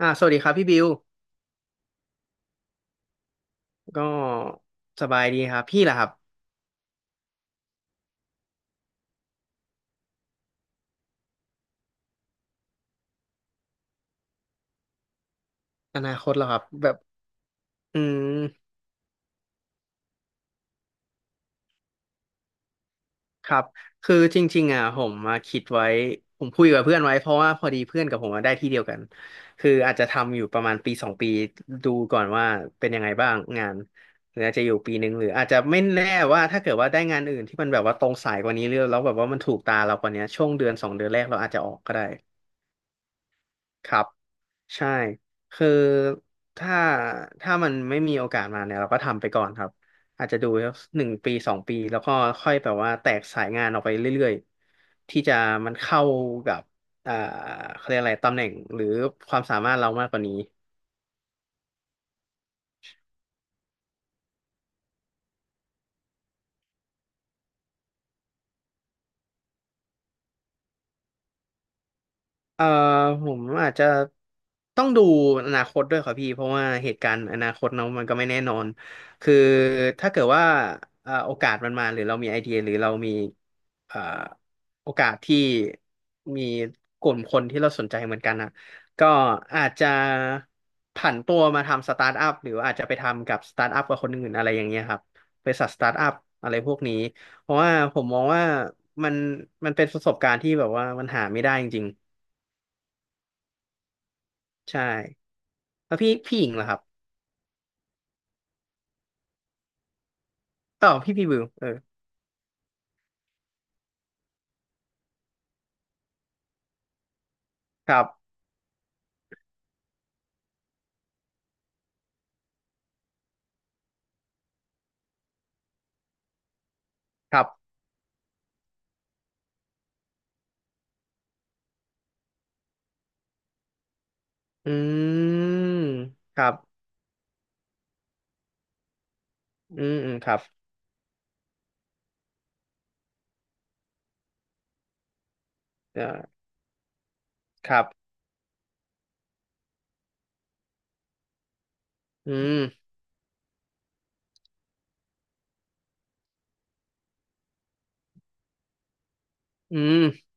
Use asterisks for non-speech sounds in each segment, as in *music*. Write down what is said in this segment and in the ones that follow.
อ่าสวัสดีครับพี่บิวก็สบายดีครับพี่ล่ะครับอนาคตเหรอครับแบบอืมครับคือจริงๆผมมาคิดไว้ผมคุยกับเพื่อนไว้เพราะว่าพอดีเพื่อนกับผมอะได้ที่เดียวกันคืออาจจะทำอยู่ประมาณปีสองปีดูก่อนว่าเป็นยังไงบ้างงานหรืออาจจะอยู่ปีหนึ่งหรืออาจจะไม่แน่ว่าถ้าเกิดว่าได้งานอื่นที่มันแบบว่าตรงสายกว่านี้เรื่อยแล้วแบบว่ามันถูกตาเรากว่านี้ช่วงเดือนสองเดือนแรกเราอาจจะออกก็ได้ครับ ใช่คือถ้าถ้ามันไม่มีโอกาสมาเนี่ยเราก็ทำไปก่อนครับอาจจะดูหนึ่งปีสองปีแล้วก็ค่อยแบบว่าแตกสายงานออกไปเรื่อยๆที่จะมันเข้ากับอ่าเขาเรียกอะไรตำแหน่งหรือความสามารถเรามากกว่านี้ เอ่อผมอาจจะต้องดูอนาคตด้วยครับพี่เพราะว่าเหตุการณ์อนาคตเนาะมันก็ไม่แน่นอนคือถ้าเกิดว่าโอกาสมันมาหรือเรามีไอเดียหรือเรามีเอ่อโอกาสที่มีกลุ่มคนที่เราสนใจเหมือนกันนะก็อาจจะผันตัวมาทำสตาร์ทอัพหรืออาจจะไปทำกับสตาร์ทอัพกับคนอื่นอะไรอย่างเงี้ยครับบริษัทสตาร์ทอัพอะไรพวกนี้เพราะว่าผมมองว่ามันมันเป็นประสบการณ์ที่แบบว่ามันหาไม่ได้จริง ใช่แล้วพี่หญิงเหรอครับต่ออพี่บิวเออครับครับอืมครับอืมอืมครับเอ่อครับอืมอืม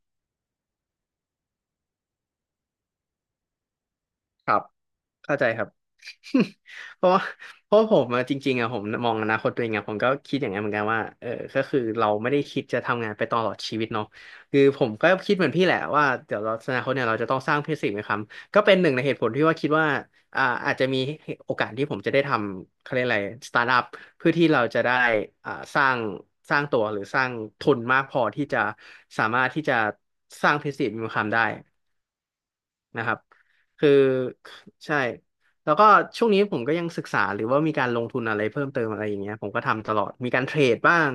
ครับ เข้าใจครับ *laughs* เพราะว่าเพราะผมจริงๆผมมองอนาคตตัวเองอะผมก็คิดอย่างนั้นเหมือนกันว่าเออก็คือเราไม่ได้คิดจะทำงานไปตลอดชีวิตเนาะคือผมก็คิดเหมือนพี่แหละว่าเดี๋ยวเราอนาคตเนี่ยเราจะต้องสร้างเพื่อสิ่งไหมครับก็เป็นหนึ่งในเหตุผลที่ว่าคิดว่าอาจจะมีโอกาสที่ผมจะได้ทำเขาเรียกอะไรสตาร์ทอัพเพื่อที่เราจะได้อ่าสร้างสร้างตัวหรือสร้างทุนมากพอที่จะสามารถที่จะสร้างพิสิทธิ์มีความได้ นะครับคือใช่แล้วก็ช่วงนี้ผมก็ยังศึกษาหรือว่ามีการลงทุนอะไรเพิ่มเติมอะไรอย่างเงี้ยผมก็ทำตลอดมีการเทรดบ้าง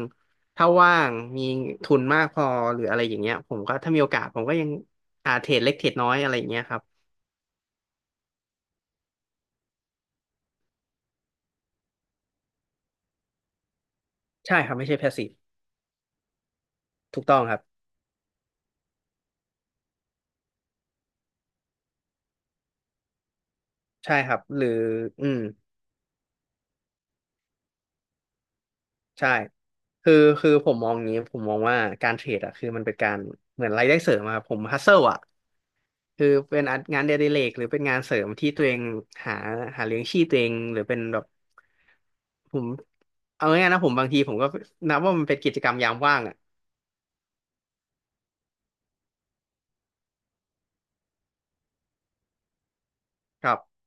ถ้าว่างมีทุนมากพอหรืออะไรอย่างเงี้ยผมก็ถ้ามีโอกาสผมก็ยังเทรดเล็กเทรดน้อยอะไรอย่างเงี้ยครับใช่ครับไม่ใช่ passive ถูกต้องครับใช่ครับหรืออืมใช่คือคือผมมองอย่างนี้ผมมองว่าการเทรดอะคือมันเป็นการเหมือนรายได้เสริมอะครับผมฮัสเซิลอะ คือเป็นงานเดลิเรกหรือเป็นงานเสริมที่ตัวเองหาหาเลี้ยงชีพตัวเองหรือเป็นแบบผมเอาง่ายๆนะผมบางทีผมก็นับว่ามันเป็นกิจกรรมยามว่างอ่ะครับ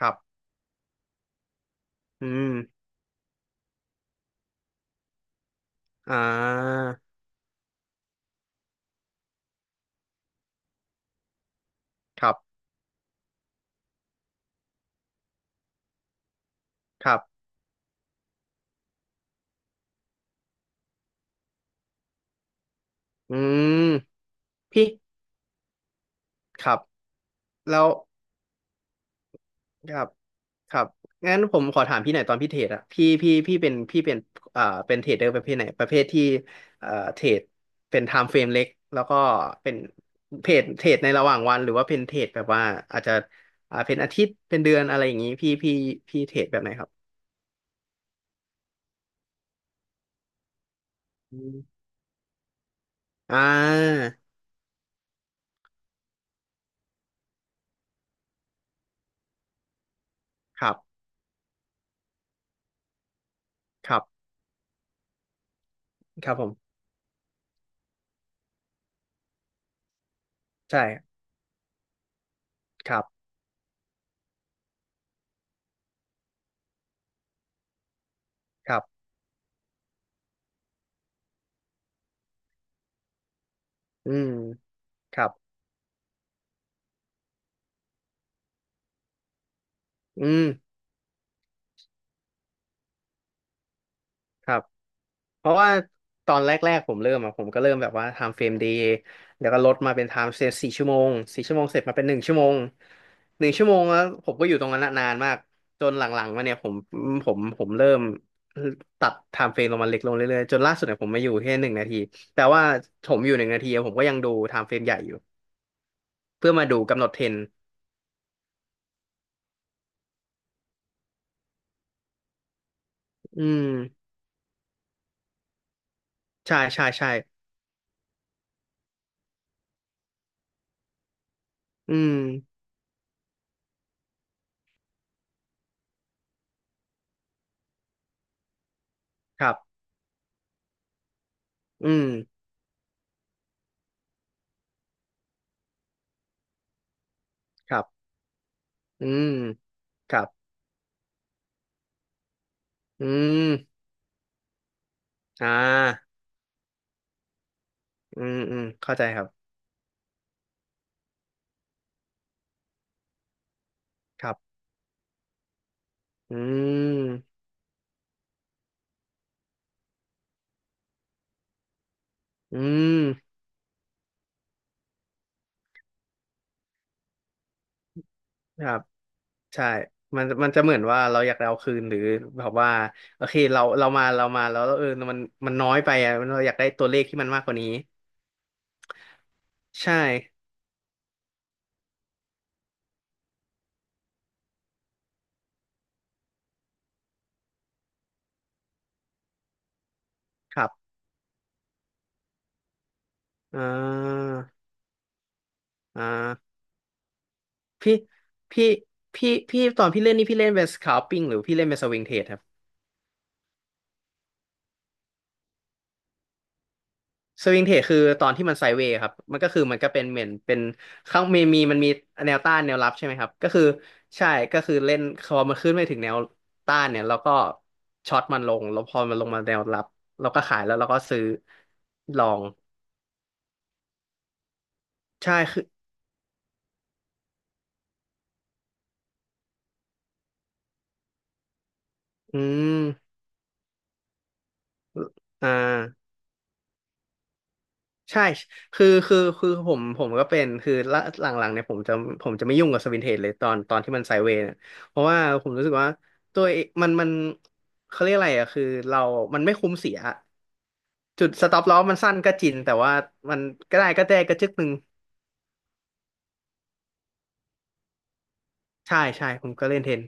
ครับอืมอ่าครับครับอืมพี่ครับแล้ว ครับครับงั้นผมขอถามพี่หน่อยตอนพี่เทรดอะพี่เป็นพี่เป็นเป็นเทรดเดอร์ประเภทไหนประเภทที่เทรดเป็นไทม์เฟรมเล็กแล้วก็เป็นเทรดในระหว่างวันหรือว่าเป็นเทรดแบบว่าอาจจะเป็นอาทิตย์เป็นเดือนอะไรอย่างนี้ พี่เทรดแบบไหนครับอืมอ่าครับครับ ครับผม ใช่ครับครับอืมครับอืมครับ เพราะว่าตอนแรกๆผมเริ่มอะผมก็เริ่มแบบว่าทำเฟรมเดย์แล้วก็ลดมาเป็นไทม์เซฟรสี่ชั่วโมงสี่ชั่วโมงเสร็จมาเป็นหนึ่งชั่วโมงหนึ่งชั่วโมงแล้วผมก็อยู่ตรงนั้นอะนานมากจนหลังๆมาเนี่ยผมเริ่มตัดไทม์เฟรมลงมาเล็กลงเรื่อยๆจนล่าสุดเนี่ยผมมาอยู่แค่หนึ่งนาทีแต่ว่าผมอยู่หนึ่งนาทีอะผมก็ยังดูไทม์เฟรมใหญ่อยู่เพื่อมาดูกำหนดเทรนด์อืมใช่ใช่ใช่อืมครับอืมครับอืมครับอืมอ่า อืมอืมเข้าใจครับครับอืมอืมครับใช่มันมันจะเหมือนว่าเราอยากได้เอาคืนหรือแบบว่าโอเคเราเรามาแล้วเออมันมันน้อยไปอ่ะมันเราอยากได้ตัวเลขที่มันมากกว่านี้ใช่ครับอ่าอ่าพี่พี่พี่ตอนพี่เล่นนี่พี่เล่นเป็นสคา l ปิ้งหรือพี่เล่นเป็นสวิงเทรดครับ สวิงเทรดคือตอนที่มันไซด์เวย์ครับมันก็คือมันก็เป็นเหมือนเป็นข้างมีแนวต้านแนวรับใช่ไหมครับ ก็คือใช่ก็คือเล่นพอมันขึ้นไม่ถึงแนวต้านเนี่ยเราก็ช็อตมันลงแล้วพอมันลงมาแนวรับเราก็ขายแล้วเราก็ซื้อลองใช่คืออืมอ่า ใช่ คือผมก็เป็น คือละหลังๆเนี่ยผมจะไม่ยุ่งกับสวินเทจเลยตอนที่มันไซด์เวย์เนี่ยเพราะว่าผมรู้สึกว่า ตัวเองมันเขาเรียกอะไรอะคือเรามันไม่คุ้มเสีย จุดสต็อปลอสมันสั้นก็จริงแต่ว่ามันก็ได้ก็จึกหนึ่ง ใช่ใช่ผมก็เล่นเทน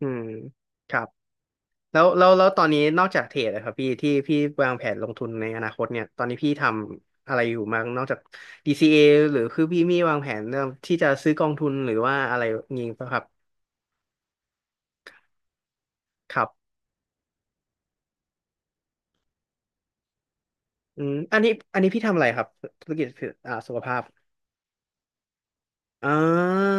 อืมครับ แล้วตอนนี้นอกจากเทรดนะครับพี่ที่พี่วางแผนลงทุนในอนาคตเนี่ยตอนนี้พี่ทำอะไรอยู่บ้างนอกจาก DCA หรือคือพี่มีวางแผนเรื่องที่จะซื้อกองทุนหรือว่าอะไรงี้ป่ะครับครับอืมอันนี้พี่ทำอะไรครับธุรกิจสุขภาพอ่า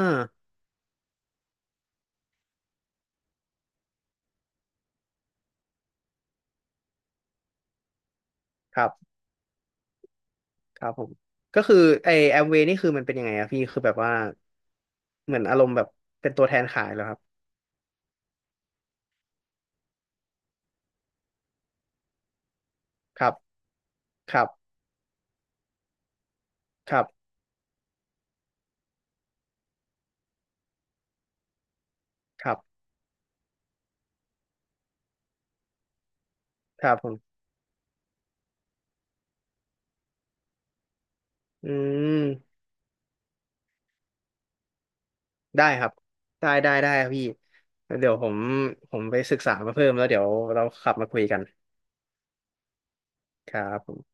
ครับครับผมก็คือไอแอมเวนี่คือมันเป็นยังไงอะพี่คือแบบว่าเหมือนอารมณ์แบบเป็นตัวแทนขายเหรอครับครับครับครับครับครับผมอืม ได้ครับ ได้ครับพี่ เดี๋ยวผมไปศึกษามาเพิ่มแล้วเดี๋ยวเราขับมาคุยกันครับผม